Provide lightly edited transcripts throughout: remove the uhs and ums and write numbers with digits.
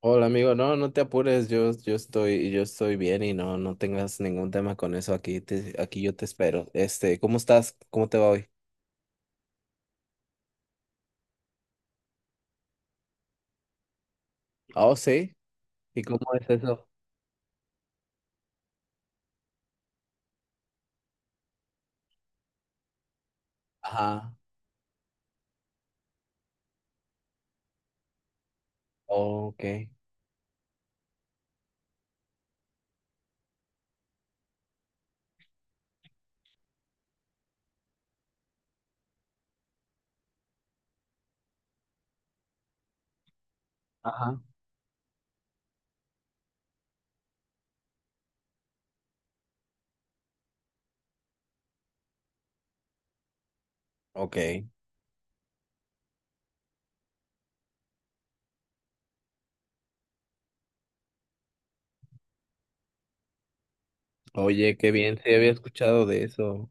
Hola amigo, no te apures, yo estoy bien y no tengas ningún tema con eso, aquí yo te espero. ¿Cómo estás? ¿Cómo te va hoy? Ah, oh, sí, ¿y cómo es eso? Ajá, ok, ajá, ok. Oye, qué bien, sí había escuchado de eso.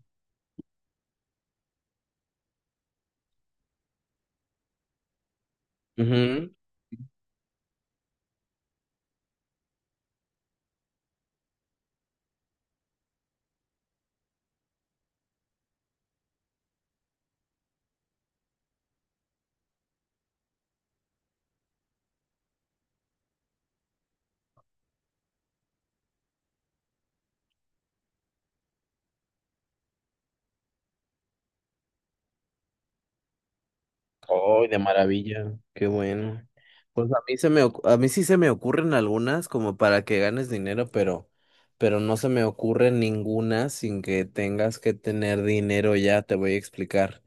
¡Oh, de maravilla! ¡Qué bueno! Pues a mí sí se me ocurren algunas como para que ganes dinero, pero no se me ocurre ninguna sin que tengas que tener dinero ya, te voy a explicar.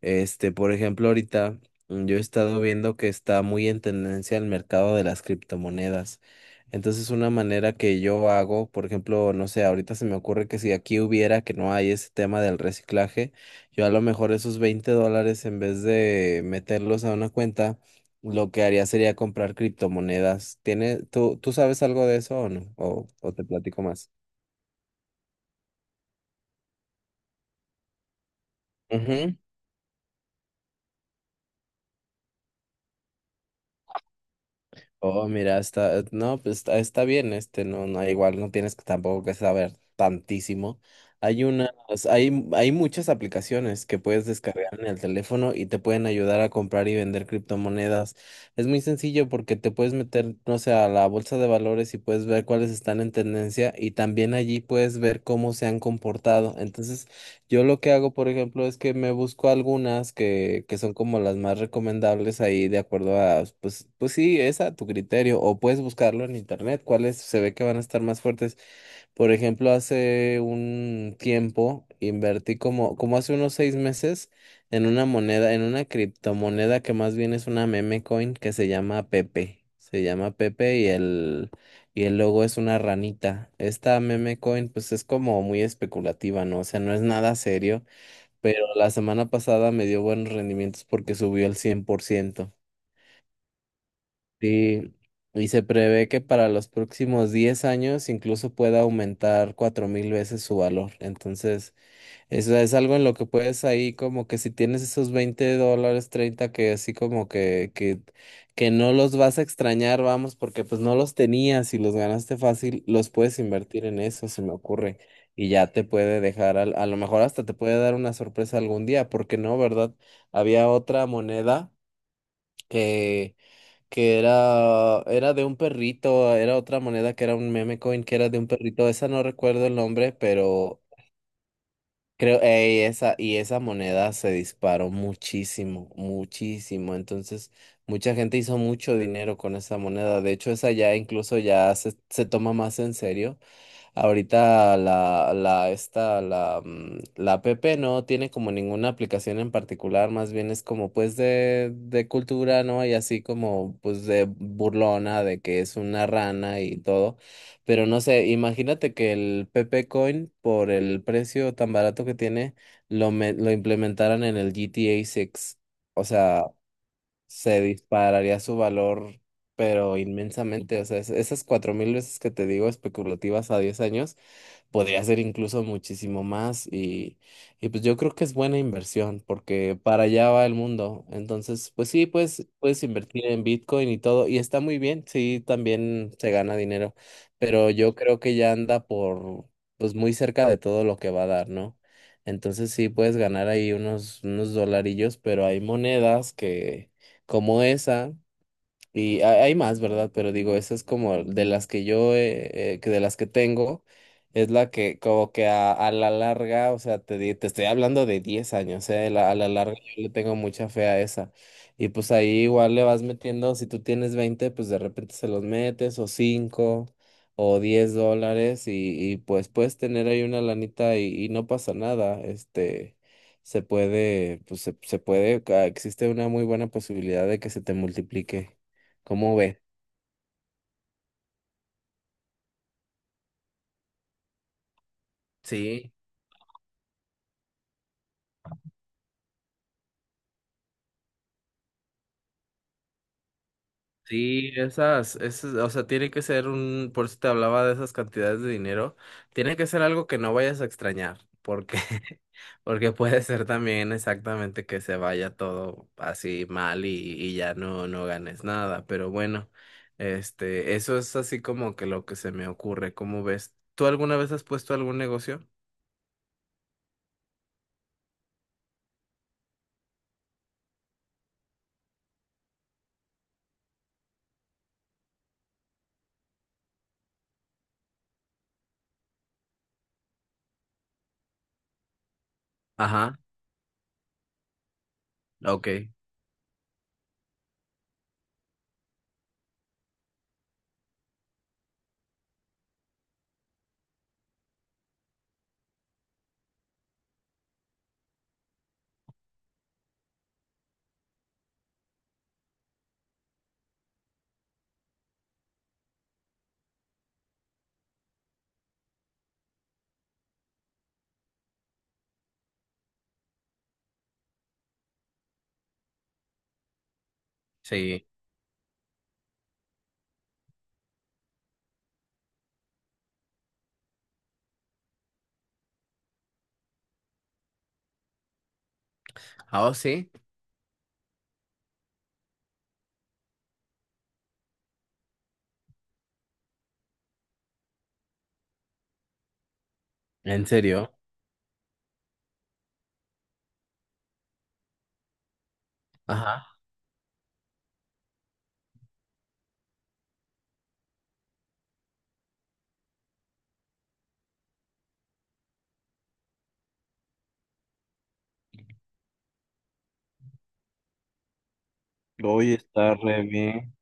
Por ejemplo, ahorita yo he estado viendo que está muy en tendencia el mercado de las criptomonedas. Entonces, una manera que yo hago, por ejemplo, no sé, ahorita se me ocurre que si aquí hubiera, que no hay ese tema del reciclaje, yo a lo mejor esos 20 dólares, en vez de meterlos a una cuenta, lo que haría sería comprar criptomonedas. ¿Tú sabes algo de eso o no? ¿O te platico más? Ujú. Oh, mira, no, pues está bien, no, no, igual no tienes que tampoco que saber tantísimo. Hay unas, hay, mu- hay muchas aplicaciones que puedes descargar en el teléfono y te pueden ayudar a comprar y vender criptomonedas. Es muy sencillo porque te puedes meter, no sé, a la bolsa de valores y puedes ver cuáles están en tendencia y también allí puedes ver cómo se han comportado. Entonces yo lo que hago, por ejemplo, es que me busco algunas que son como las más recomendables ahí de acuerdo a, pues, pues sí, es a tu criterio, o puedes buscarlo en internet, cuáles se ve que van a estar más fuertes. Por ejemplo, hace un tiempo invertí como hace unos seis meses en una moneda, en una criptomoneda que más bien es una meme coin que se llama Pepe. Se llama Pepe y el logo es una ranita. Esta meme coin pues es como muy especulativa, ¿no? O sea, no es nada serio, pero la semana pasada me dio buenos rendimientos porque subió el 100%. Sí, y se prevé que para los próximos 10 años incluso pueda aumentar 4.000 veces su valor. Entonces, eso es algo en lo que puedes ahí como que si tienes esos 20 dólares, 30 que así como que no los vas a extrañar, vamos, porque pues no los tenías y los ganaste fácil, los puedes invertir en eso, se me ocurre. Y ya te puede dejar, a lo mejor hasta te puede dar una sorpresa algún día, porque no, ¿verdad? Había otra moneda que que era de un perrito, era otra moneda que era un meme coin que era de un perrito, esa no recuerdo el nombre, pero creo, ey, esa, y esa moneda se disparó muchísimo, muchísimo, entonces mucha gente hizo mucho dinero con esa moneda, de hecho esa ya incluso ya se toma más en serio. Ahorita la, la, esta, la, mm, la app no tiene como ninguna aplicación en particular, más bien es como pues de cultura, ¿no? Y así como pues de burlona, de que es una rana y todo. Pero no sé, imagínate que el Pepe Coin, por el precio tan barato que tiene, lo implementaran en el GTA 6. O sea, se dispararía su valor, pero inmensamente. O sea, esas 4.000 veces que te digo especulativas a 10 años podría ser incluso muchísimo más y pues yo creo que es buena inversión porque para allá va el mundo. Entonces, pues sí, pues puedes invertir en Bitcoin y todo y está muy bien, sí, también se gana dinero, pero yo creo que ya anda por, pues muy cerca de todo lo que va a dar, ¿no? Entonces sí puedes ganar ahí unos dolarillos, pero hay monedas que, como esa. Y hay más, ¿verdad? Pero digo, esa es como de las que yo, que de las que tengo, es la que como que a la larga, o sea, te estoy hablando de 10 años, a la larga yo le tengo mucha fe a esa. Y pues ahí igual le vas metiendo, si tú tienes 20 pues de repente se los metes, o 5 o 10 dólares, y pues puedes tener ahí una lanita y no pasa nada, se puede, pues se puede, existe una muy buena posibilidad de que se te multiplique. ¿Cómo ves? Sí, sí, o sea, tiene que ser un, por eso te hablaba de esas cantidades de dinero, tiene que ser algo que no vayas a extrañar, porque, porque puede ser también exactamente que se vaya todo así mal y ya no ganes nada, pero bueno, eso es así como que lo que se me ocurre, ¿cómo ves? ¿Tú alguna vez has puesto algún negocio? Ajá, ok, sí. Ah, oh, sí, ¿en serio? Ajá. Hoy está re bien.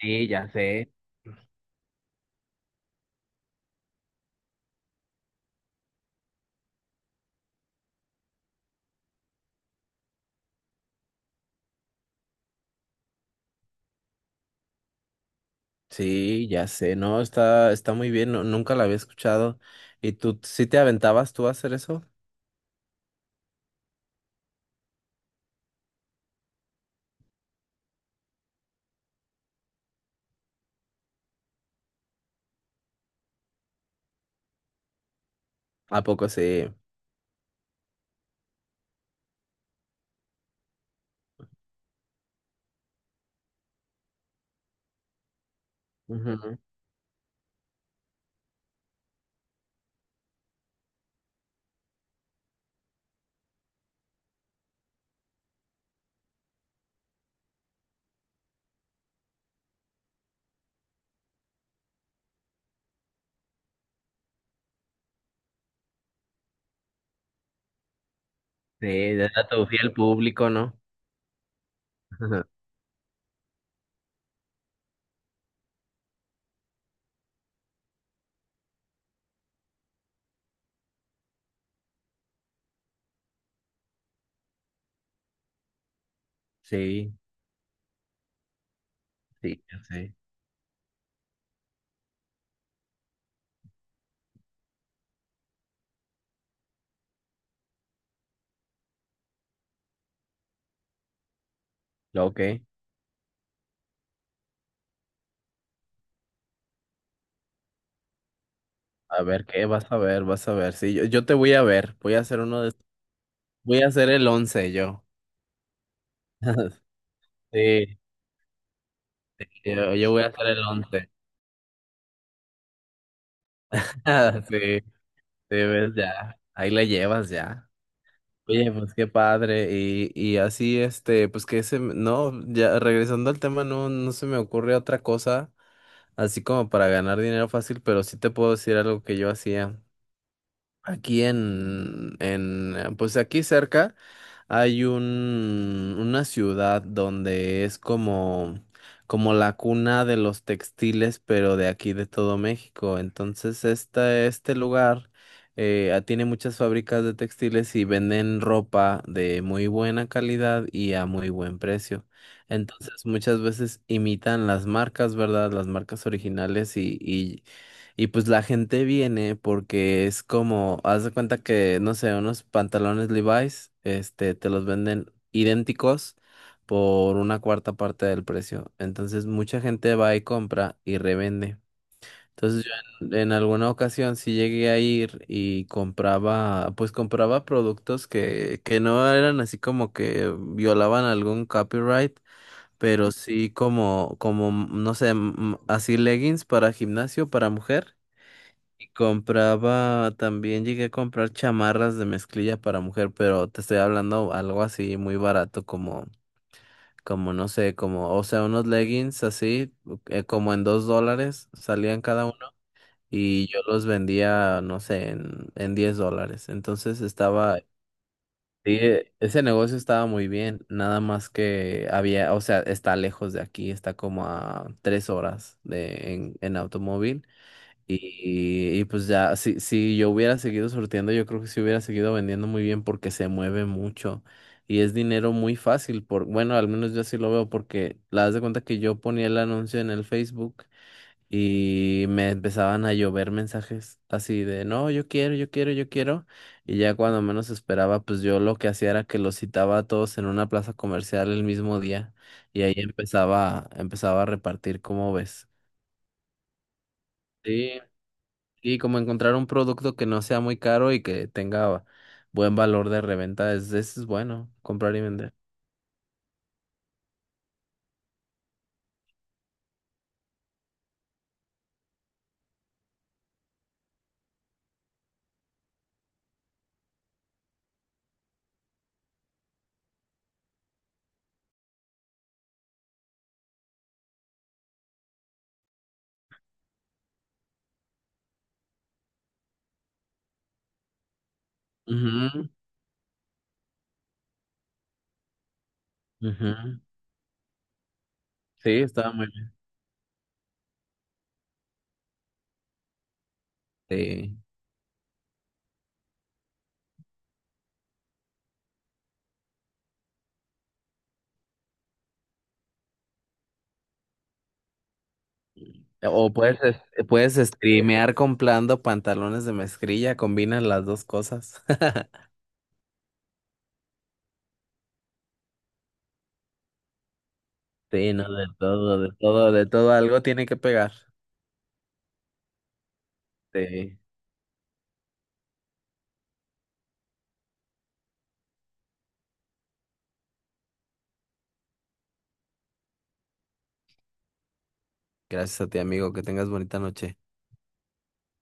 Sí, ya sé. Sí, ya sé, no, está muy bien, nunca la había escuchado. ¿Y tú sí te aventabas tú a hacer eso? ¿A poco sí? Ujú. Sí, era tu fiel público, ¿no? Ujú. Sí, sí, ya sé. Lo que, a ver qué, vas a ver, vas a ver. Sí, yo te voy a ver, voy a hacer el once yo. Sí, yo voy a hacer el once. Sí, sí, ves ya, ahí la llevas ya. Oye, pues qué padre. Y así, pues que ese no, ya regresando al tema, no se me ocurre otra cosa, así como para ganar dinero fácil, pero sí te puedo decir algo que yo hacía. Aquí pues aquí cerca hay un, una ciudad donde es como la cuna de los textiles, pero de aquí de todo México. Entonces, este lugar tiene muchas fábricas de textiles y venden ropa de muy buena calidad y a muy buen precio. Entonces, muchas veces imitan las marcas, ¿verdad? Las marcas originales y pues la gente viene porque es como, haz de cuenta que, no sé, unos pantalones Levi's, te los venden idénticos por una cuarta parte del precio. Entonces mucha gente va y compra y revende. Entonces yo en alguna ocasión sí llegué a ir y compraba, pues compraba productos que no eran así como que violaban algún copyright. Pero sí como, no sé, así leggings para gimnasio, para mujer. Compraba, también llegué a comprar chamarras de mezclilla para mujer, pero te estoy hablando algo así muy barato como no sé, como, o sea, unos leggings así, como en 2 dólares salían cada uno y yo los vendía, no sé, en 10 dólares. Entonces ese negocio estaba muy bien, nada más que había, o sea, está lejos de aquí, está como a 3 horas en automóvil. Y pues ya, si yo hubiera seguido sorteando, yo creo que sí hubiera seguido vendiendo muy bien porque se mueve mucho y es dinero muy fácil por, bueno, al menos yo así lo veo porque la das de cuenta que yo ponía el anuncio en el Facebook y me empezaban a llover mensajes así de, no, yo quiero, yo quiero, yo quiero. Y ya cuando menos esperaba, pues yo lo que hacía era que los citaba a todos en una plaza comercial el mismo día y ahí empezaba a repartir, ¿cómo ves? Sí, y como encontrar un producto que no sea muy caro y que tenga buen valor de reventa, es bueno comprar y vender. Ujú, ujú. Sí, está muy bien. Sí. O puedes, puedes streamear comprando pantalones de mezclilla, combinas las dos cosas. Sí, no, de todo, de todo, de todo, algo tiene que pegar. Sí. Gracias a ti, amigo, que tengas bonita noche.